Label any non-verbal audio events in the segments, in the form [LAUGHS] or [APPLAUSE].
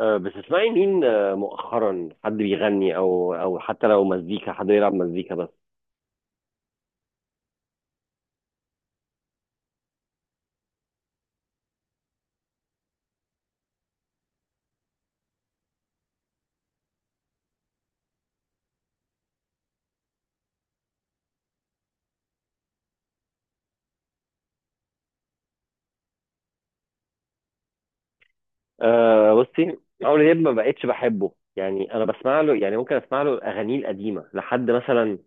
بتسمعي مين؟ مؤخرا حد بيغني او حتى لو مزيكا حد يلعب مزيكا بس. بصي، عمرو دياب ما بقتش بحبه، يعني انا بسمع له، يعني ممكن اسمع له اغانيه القديمه لحد مثلا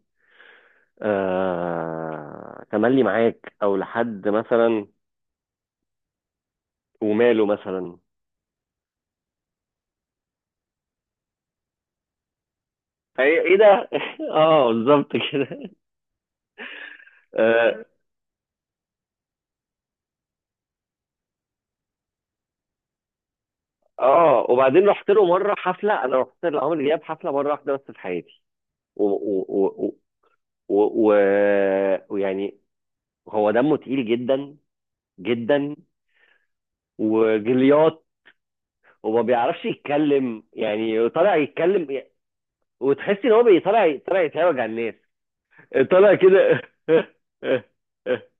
تملي معاك او لحد مثلا وماله مثلا. ايه إيه ده [LAUGHS] اه بالظبط كده. اه، وبعدين رحت له مره حفله، انا رحت لعمرو دياب حفله مره واحده بس في حياتي. و- و- و- و- و- ويعني هو دمه تقيل جدا، جدا وجليات، وما بيعرفش يتكلم، يعني طالع يتكلم، وتحس ان هو طالع يتهاوج على الناس، طالع كده [LAUGHS]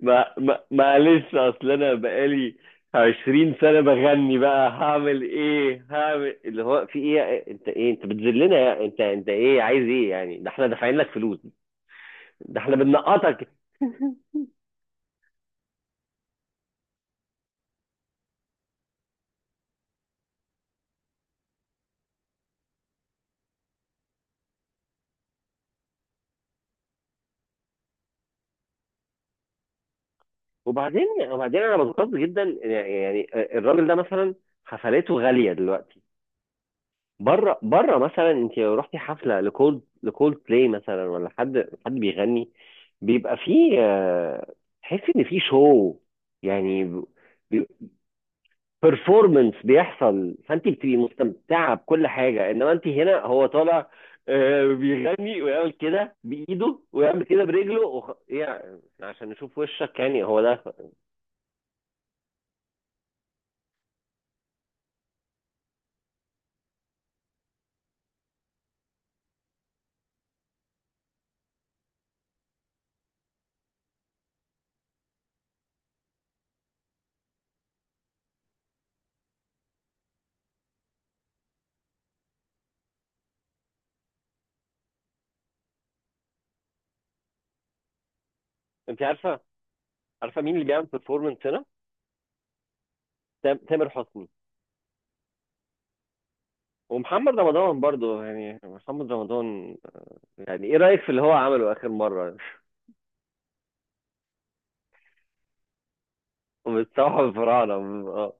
ما معلش، اصل انا بقالي 20 سنة بغني، بقى هعمل ايه؟ هعمل اللي هو في ايه؟ انت ايه؟ انت بتذلنا؟ يا- انت، انت ايه؟ عايز ايه يعني؟ ده احنا دافعين لك فلوس، ده احنا بننقطك [LAUGHS] وبعدين انا بتقصد جدا، يعني الراجل ده مثلا حفلاته غاليه دلوقتي. بره بره مثلا انت لو رحتي حفله لكولد بلاي مثلا، ولا حد بيغني، بيبقى فيه تحسي ان فيه شو يعني، بيرفورمانس بيحصل، فانت بتبقي مستمتعه بكل حاجه. انما انت هنا هو طالع بيغني ويعمل كده بايده ويعمل كده برجله يعني عشان نشوف وشك، يعني هو ده. انت عارفه عارفه مين اللي بيعمل بيرفورمانس هنا؟ تامر حسني ومحمد رمضان برضو، يعني محمد رمضان يعني ايه رايك في اللي هو عمله اخر مره؟ [LAUGHS] بتصبح الفراعنه. آه.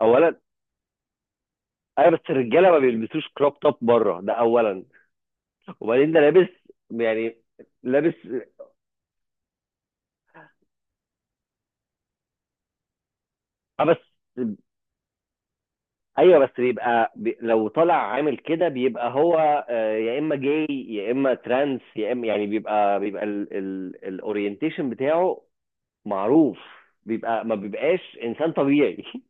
اولا ايوه، بس الرجاله ما بيلبسوش كروب توب بره، ده اولا. وبعدين ده لابس يعني، لابس اه، بس ايوه بس بيبقى بي... لو طالع عامل كده بيبقى هو يا اما جاي يا اما ترانس يا اما يعني، بيبقى الاورينتيشن بتاعه معروف، بيبقى ما بيبقاش انسان طبيعي [LAUGHS]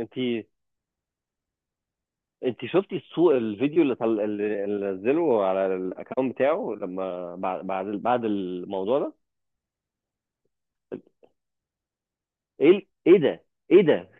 انت انت شفتي الفيديو اللي اللي اللي نزله على الاكونت بتاعه لما بعد الموضوع ده؟ ايه ال- ايه ده ايه ده؟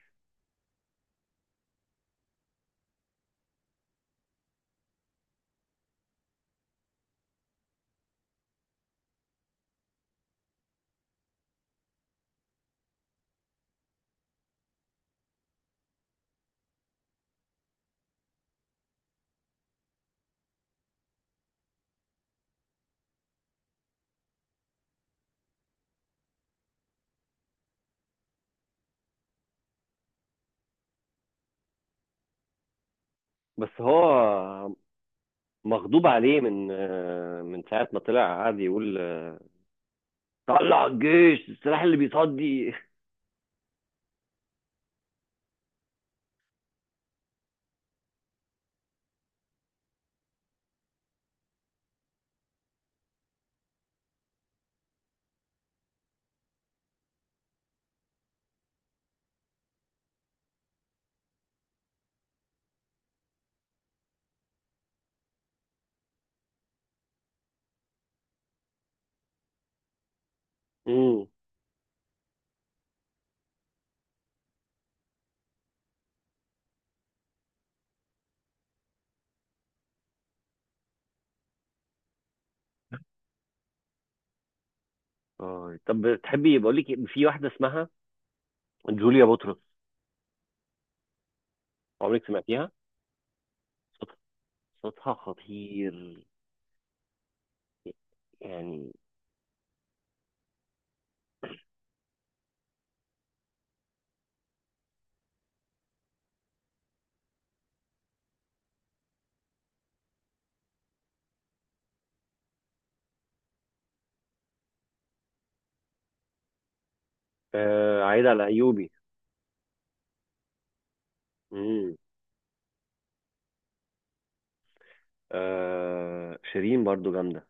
بس هو مغضوب عليه من من ساعة ما طلع قعد يقول طلع الجيش، السلاح اللي بيصدي [LAUGHS] امم، اه طب تحبي بقول لك إيه، في واحدة اسمها جوليا بطرس، عمرك سمعتيها؟ صوت- صوتها خطير يعني. آه، عايد على ايوبي. امم. آه، شيرين برضو جامده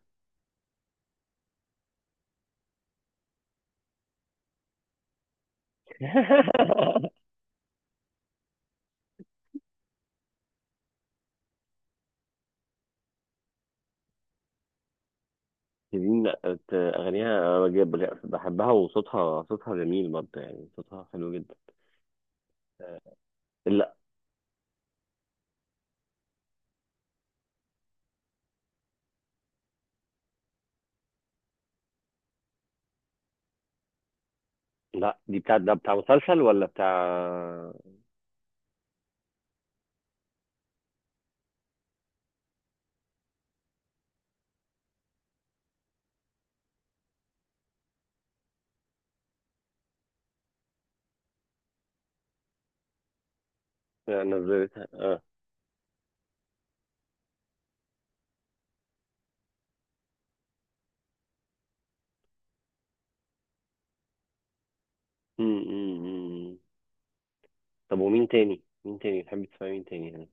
[LAUGHS] شيرين لأ، اغانيها بحبها وصوتها، صوتها جميل برضه، يعني صوتها حلو جدا. آه، لا لا، دي بتاع ده، بتاع مسلسل ولا بتاع؟ نزلتها، اه. أمم، أمم، أمم. طب ومين تاني؟ مين تاني تحب تسمع؟ مين تاني يعني؟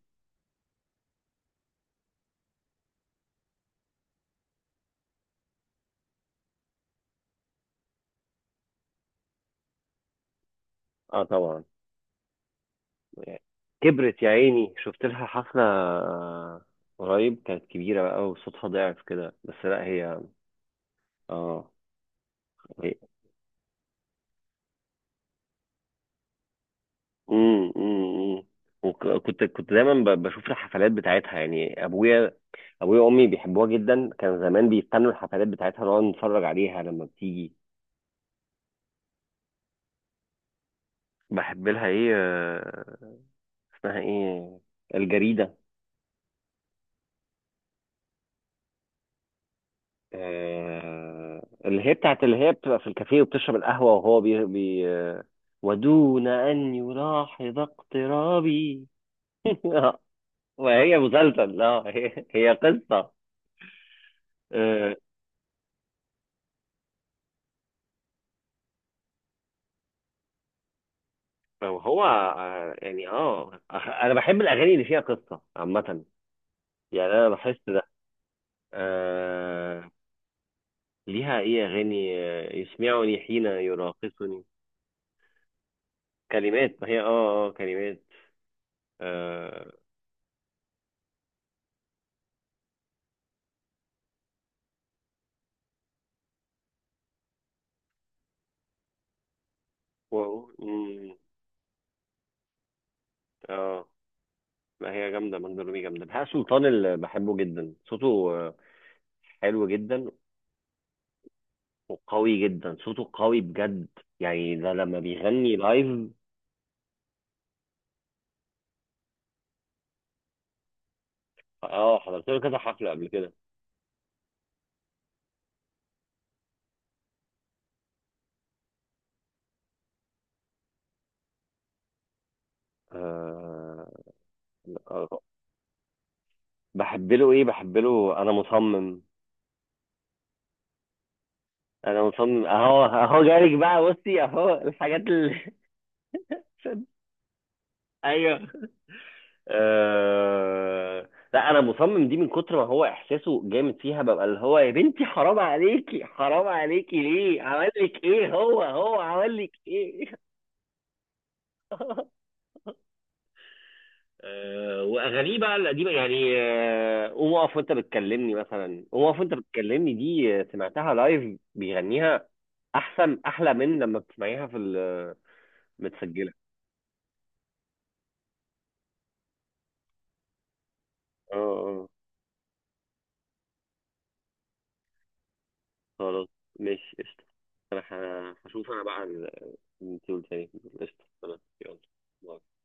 اه طبعا، يعني. كبرت يا عيني، شفت لها حفله قريب، كانت كبيره بقى وصوتها ضعف كده، بس لا هي اه. امم، امم. وكنت دايما بشوف الحفلات بتاعتها يعني. ابويا وامي بيحبوها جدا، كان زمان بيستنوا الحفلات بتاعتها، نقعد نتفرج عليها لما بتيجي. بحب لها ايه اسمها ايه، الجريده. اللي هي بتاعت اللي هي بتبقى في الكافيه وبتشرب القهوه وهو بي, بي آه، ودون ان يلاحظ اقترابي [LAUGHS] وهي مسلسل، لا هي هي قصه. آه، هو آه، يعني انا بحب الاغاني اللي فيها قصه عامه، يعني انا بحس ده. آه، ليها ايه اغاني يسمعني حين يراقصني، كلمات، ما هي اه، كلمات اه، و... مم، اه ما هي جامده ماجدة الرومي، جامده. بهاء سلطان اللي بحبه جدا صوته آه، حلو جدا وقوي جدا، صوته قوي بجد، يعني ده لما بيغني لايف. اه حضرت له كذا حفله قبل كده. آه، بحب له ايه؟ بحب له انا مصمم، انا مصمم اهو، اهو جالك بقى، بصي اهو الحاجات اللي [LAUGHS] ايوه، أه... لا انا مصمم دي، من كتر ما هو احساسه جامد فيها، ببقى اللي هو يا بنتي حرام عليكي، حرام عليكي، ليه عمل لك ايه؟ هو عمل لك ايه؟ [LAUGHS] واغانيه بقى القديمه يعني، قوم اقف وانت بتكلمني مثلا، قوم اقف وانت بتكلمني دي، سمعتها لايف بيغنيها، احسن، احلى من لما بتسمعيها في متسجله. اه خلاص، ماشي قشطه. انا هشوف انا بقى ال-. انت قلت ايه؟ قشطه خلاص، يلا، باي.